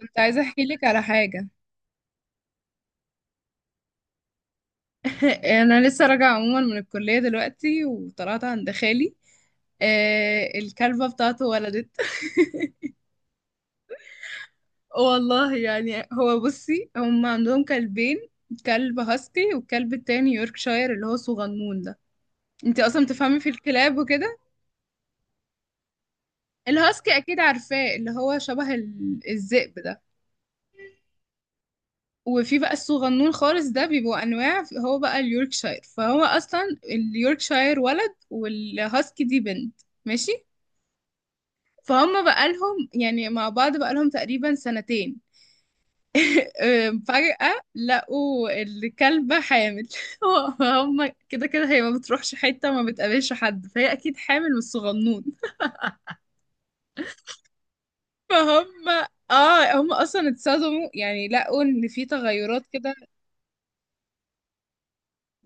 كنت عايزة احكي لك على حاجة. انا لسه راجعة عموما من الكلية دلوقتي وطلعت عند خالي. آه، الكلبة بتاعته ولدت. والله يعني هو بصي، هم عندهم كلبين، كلب هاسكي والكلب التاني يوركشاير اللي هو صغنون ده. انتي اصلا تفهمي في الكلاب وكده. الهاسكي اكيد عارفاه اللي هو شبه الذئب ده. وفي بقى الصغنون خالص ده، بيبقوا انواع، هو بقى اليوركشاير، فهو اصلا اليوركشاير ولد والهاسكي دي بنت. ماشي. فهم بقى لهم يعني مع بعض بقى لهم تقريبا سنتين. فجأة لقوا الكلبة حامل. فهم كده كده هي ما بتروحش حتة، ما بتقابلش حد، فهي أكيد حامل من الصغنون. فهم، اه هم اصلا اتصدموا يعني، لقوا ان في تغيرات كده.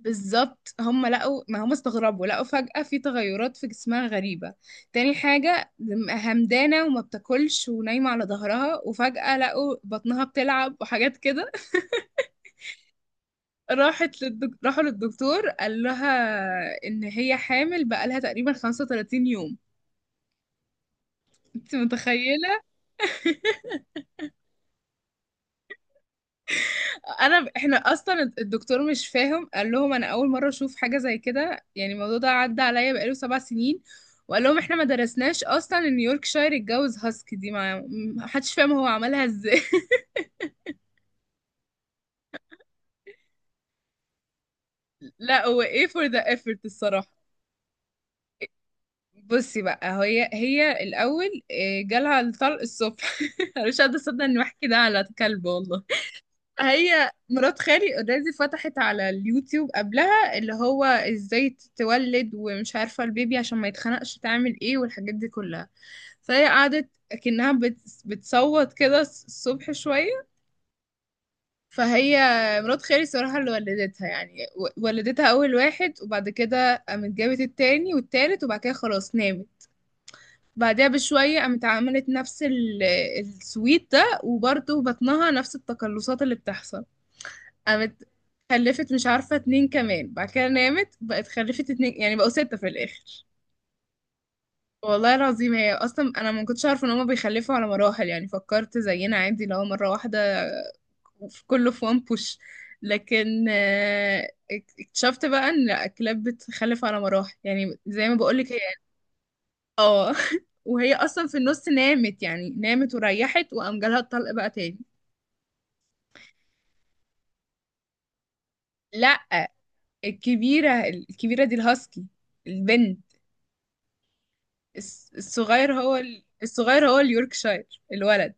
بالظبط، هم لقوا، ما هم استغربوا، لقوا فجأة في تغيرات في جسمها غريبة. تاني حاجة، همدانة وما بتاكلش ونايمة على ظهرها، وفجأة لقوا بطنها بتلعب وحاجات كده. راحوا للدكتور، قال لها ان هي حامل بقالها تقريبا 35 يوم. انت متخيلة؟ احنا اصلا الدكتور مش فاهم، قال لهم انا اول مره اشوف حاجه زي كده، يعني الموضوع ده عدى عليا بقاله 7 سنين. وقال لهم احنا ما درسناش اصلا ان يوركشاير اتجوز هاسكي دي، ما حدش فاهم هو عملها ازاي. لا هو ايه، فور ذا effort الصراحه. بصي بقى هي الاول جالها الطلق الصبح. انا مش قادره اصدق اني بحكي ده على كلب والله. هي مرات خالي اوريدي فتحت على اليوتيوب قبلها، اللي هو ازاي تتولد ومش عارفة البيبي عشان ما يتخنقش تعمل ايه والحاجات دي كلها. فهي قعدت اكنها بتصوت كده الصبح شوية. فهي، مرات خالي صراحة اللي ولدتها، يعني ولدتها اول واحد، وبعد كده قامت جابت التاني والتالت، وبعد كده خلاص نامت. بعدها بشوية قامت عملت نفس السويت ده، وبرضه بطنها نفس التقلصات اللي بتحصل. قامت خلفت مش عارفة اتنين كمان، بعد كده نامت، بقت خلفت اتنين، يعني بقوا ستة في الآخر. والله العظيم، هي أصلا أنا ما كنتش عارفة إن هما بيخلفوا على مراحل، يعني فكرت زينا عادي لو مرة واحدة في كله، في وان بوش. لكن اكتشفت بقى إن لأ، الكلاب بتخلف على مراحل، يعني زي ما بقولك هي. اه. وهي أصلا في النص نامت، يعني نامت وريحت وقام جالها الطلق بقى تاني. لأ، الكبيرة، الكبيرة دي الهاسكي، البنت. الصغير هو الصغير هو اليوركشاير، الولد.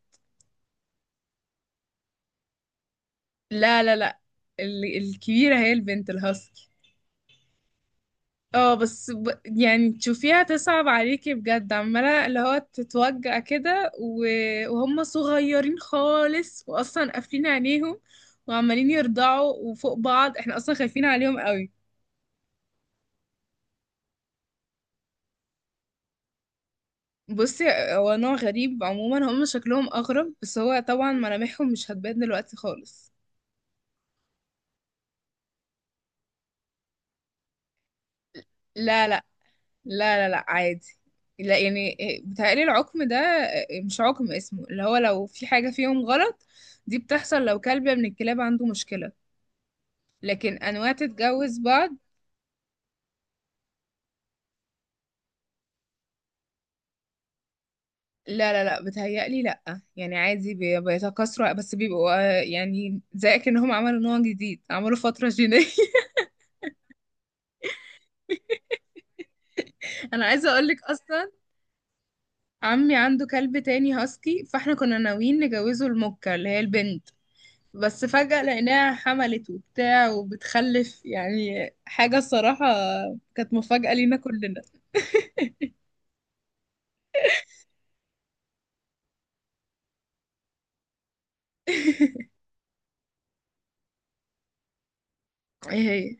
لا لا لا، ال... الكبيرة هي البنت الهاسكي. اه بس يعني تشوفيها تصعب عليكي بجد، عمالة اللي هو تتوجع كده و... وهم صغيرين خالص واصلا قافلين عينيهم، وعمالين يرضعوا وفوق بعض، احنا اصلا خايفين عليهم قوي. بصي، هو نوع غريب عموما، هم شكلهم اغرب، بس هو طبعا ملامحهم مش هتبان دلوقتي خالص. لا لا لا، لا لا عادي، لا يعني. بتهيألي العقم ده مش عقم اسمه، اللي هو لو في حاجة فيهم غلط، دي بتحصل لو كلب من الكلاب عنده مشكلة، لكن أنواع تتجوز بعض. لا لا لا، بتهيألي لا يعني عادي، بيتكاثروا بس بيبقوا يعني زي كأنهم عملوا نوع جديد، عملوا فترة جينية. أنا عايزة أقولك أصلا، عمي عنده كلب تاني هاسكي، فاحنا كنا ناويين نجوزه المكة اللي هي البنت، بس فجأة لقيناها حملت وبتاع وبتخلف، يعني حاجة الصراحة كانت مفاجأة لينا كلنا. ايه هي.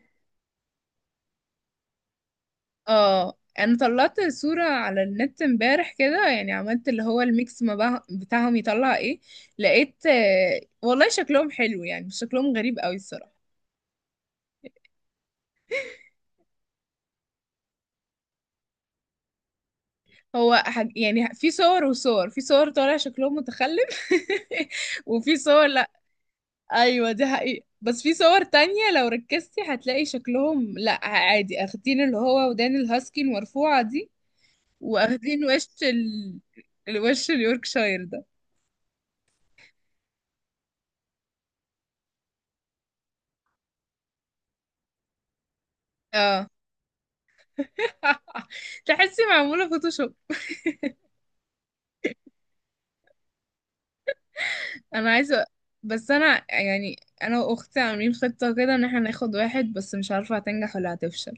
اه، انا طلعت صورة على النت امبارح كده، يعني عملت اللي هو الميكس ما بها- بتاعهم يطلع ايه. لقيت والله شكلهم حلو يعني، مش شكلهم غريب قوي الصراحة. هو يعني في صور وصور، في صور طالع شكلهم متخلف، وفي صور. ايوه، دي حقيقة، بس في صور تانية لو ركزتي هتلاقي شكلهم لا عادي، اخدين اللي هو ودان الهاسكي المرفوعة دي، واخدين وش ال... الوش اليوركشاير ده. اه. تحسي معمولة فوتوشوب. انا عايزة، بس انا يعني، انا واختي عاملين خطة كده ان احنا ناخد واحد، بس مش عارفة هتنجح ولا هتفشل.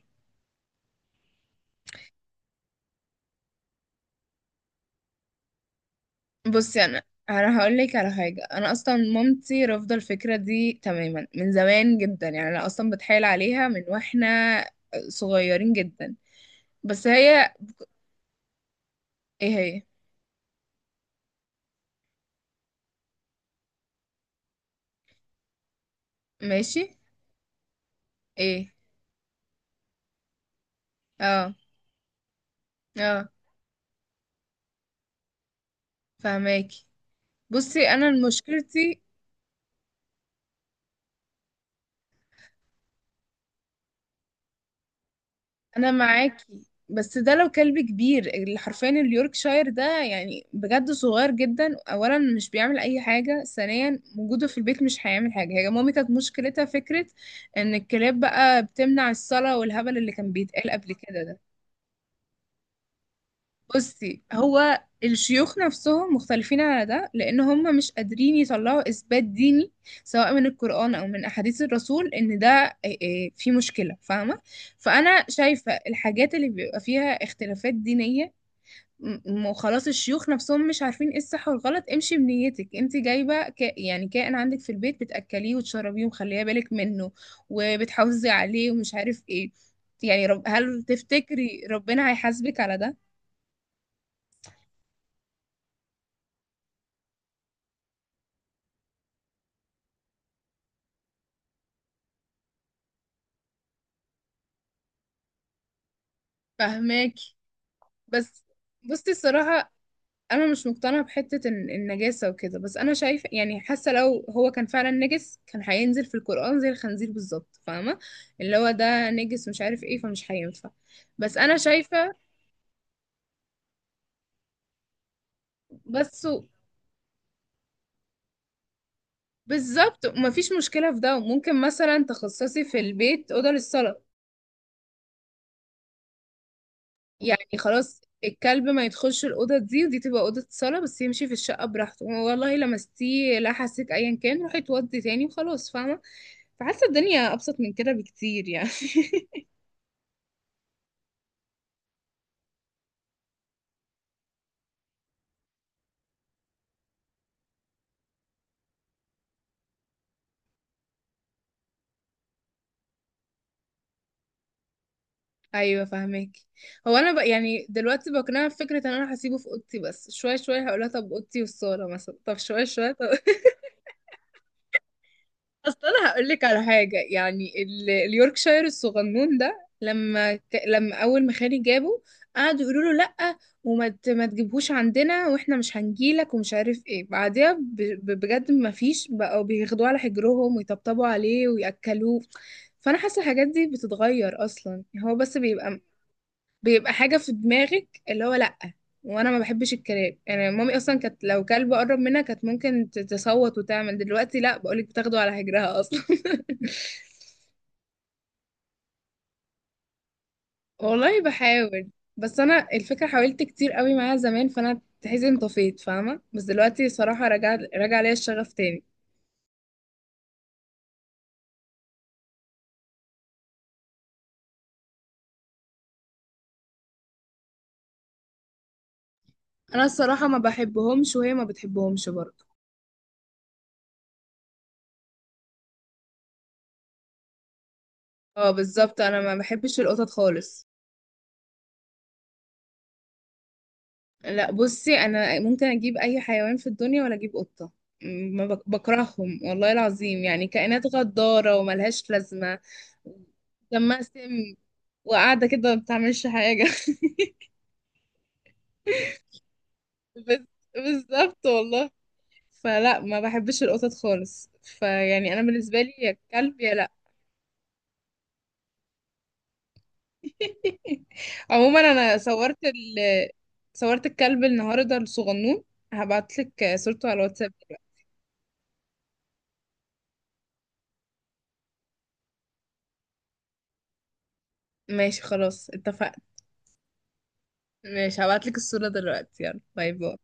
بصي انا، انا هقول لك على حاجه، انا اصلا مامتي رافضه الفكره دي تماما من زمان جدا، يعني انا اصلا بتحايل عليها من واحنا صغيرين جدا، بس هي. ايه هي. ماشي. ايه. اه، اه. فهماكي. بصي انا مشكلتي. انا معاكي، بس ده لو كلب كبير، اللي حرفيا اليوركشاير ده يعني بجد صغير جدا، اولا مش بيعمل اي حاجه، ثانيا وجوده في البيت مش هيعمل حاجه. هي مامي كانت مشكلتها فكره ان الكلاب بقى بتمنع الصلاه، والهبل اللي كان بيتقال قبل كده ده. بصي، هو الشيوخ نفسهم مختلفين على ده، لان هم مش قادرين يطلعوا اثبات ديني، سواء من القرآن او من احاديث الرسول، ان ده إيه، إيه في مشكلة، فاهمة؟ فانا شايفة الحاجات اللي بيبقى فيها اختلافات دينية، م- خلاص الشيوخ نفسهم مش عارفين ايه الصح والغلط، امشي بنيتك. انت جايبة يعني كائن عندك في البيت، بتأكليه وتشربيه ومخليه بالك منه وبتحافظي عليه ومش عارف ايه، يعني هل تفتكري ربنا هيحاسبك على ده؟ فهماك. بس بصي الصراحة، أنا مش مقتنعة بحتة النجاسة وكده، بس أنا شايفة يعني، حاسة لو هو كان فعلا نجس كان هينزل في القرآن زي الخنزير بالظبط، فاهمة؟ اللي هو ده نجس مش عارف ايه، فمش هينفع. بس أنا شايفة، بس. بالظبط، ومفيش مشكلة في ده، ممكن مثلا تخصصي في البيت أوضة للصلاة، يعني خلاص الكلب ما يدخلش الأوضة دي، ودي تبقى أوضة صلاة، بس يمشي في الشقة براحته. والله لمستيه لحسك أيا كان، روحي تودي تاني وخلاص، فاهمة؟ فحاسة الدنيا أبسط من كده بكتير يعني. ايوه فاهمك. هو انا بقى يعني دلوقتي بقنعها بفكره ان انا هسيبه في اوضتي، بس شويه شويه هقولها طب اوضتي والصاله مثلا، طب شويه شويه، طب. اصل انا هقول لك على حاجه، يعني اليوركشاير الصغنون ده، لما لما اول ما خالي جابه، قعدوا يقولوا له لا، وما ما تجيبهوش عندنا، واحنا مش هنجيلك ومش عارف ايه، بعدها بجد ما فيش، بقوا بياخدوه على حجرهم ويطبطبوا عليه وياكلوه. فانا حاسه الحاجات دي بتتغير اصلا، هو بس بيبقى، بيبقى حاجة في دماغك اللي هو لأ. وانا ما بحبش الكلاب، يعني مامي اصلا كانت لو كلب قرب منها كانت ممكن تصوت وتعمل، دلوقتي لأ، بقولك بتاخده على هجرها اصلا. والله بحاول. بس انا الفكرة حاولت كتير قوي معاها زمان، فانا تحسي انطفيت فاهمة، بس دلوقتي صراحة رجع ليا الشغف تاني. انا الصراحة ما بحبهمش، وهي ما بتحبهمش برضه. اه بالظبط، انا ما بحبش القطط خالص. لا بصي، انا ممكن اجيب اي حيوان في الدنيا ولا اجيب قطه، ما بكرههم والله العظيم، يعني كائنات غداره وملهاش لازمه، دمها سم، وقاعده كده ما بتعملش حاجه. بس- بالظبط والله. فلا، ما بحبش القطط خالص، فيعني انا بالنسبه لي يا كلب يا لا. عموما انا صورت صورت الكلب النهارده الصغنون، هبعتلك صورته على الواتساب. ماشي خلاص، اتفقنا. ماشي، هبعتلك الصورة دلوقتي، يلا باي باي.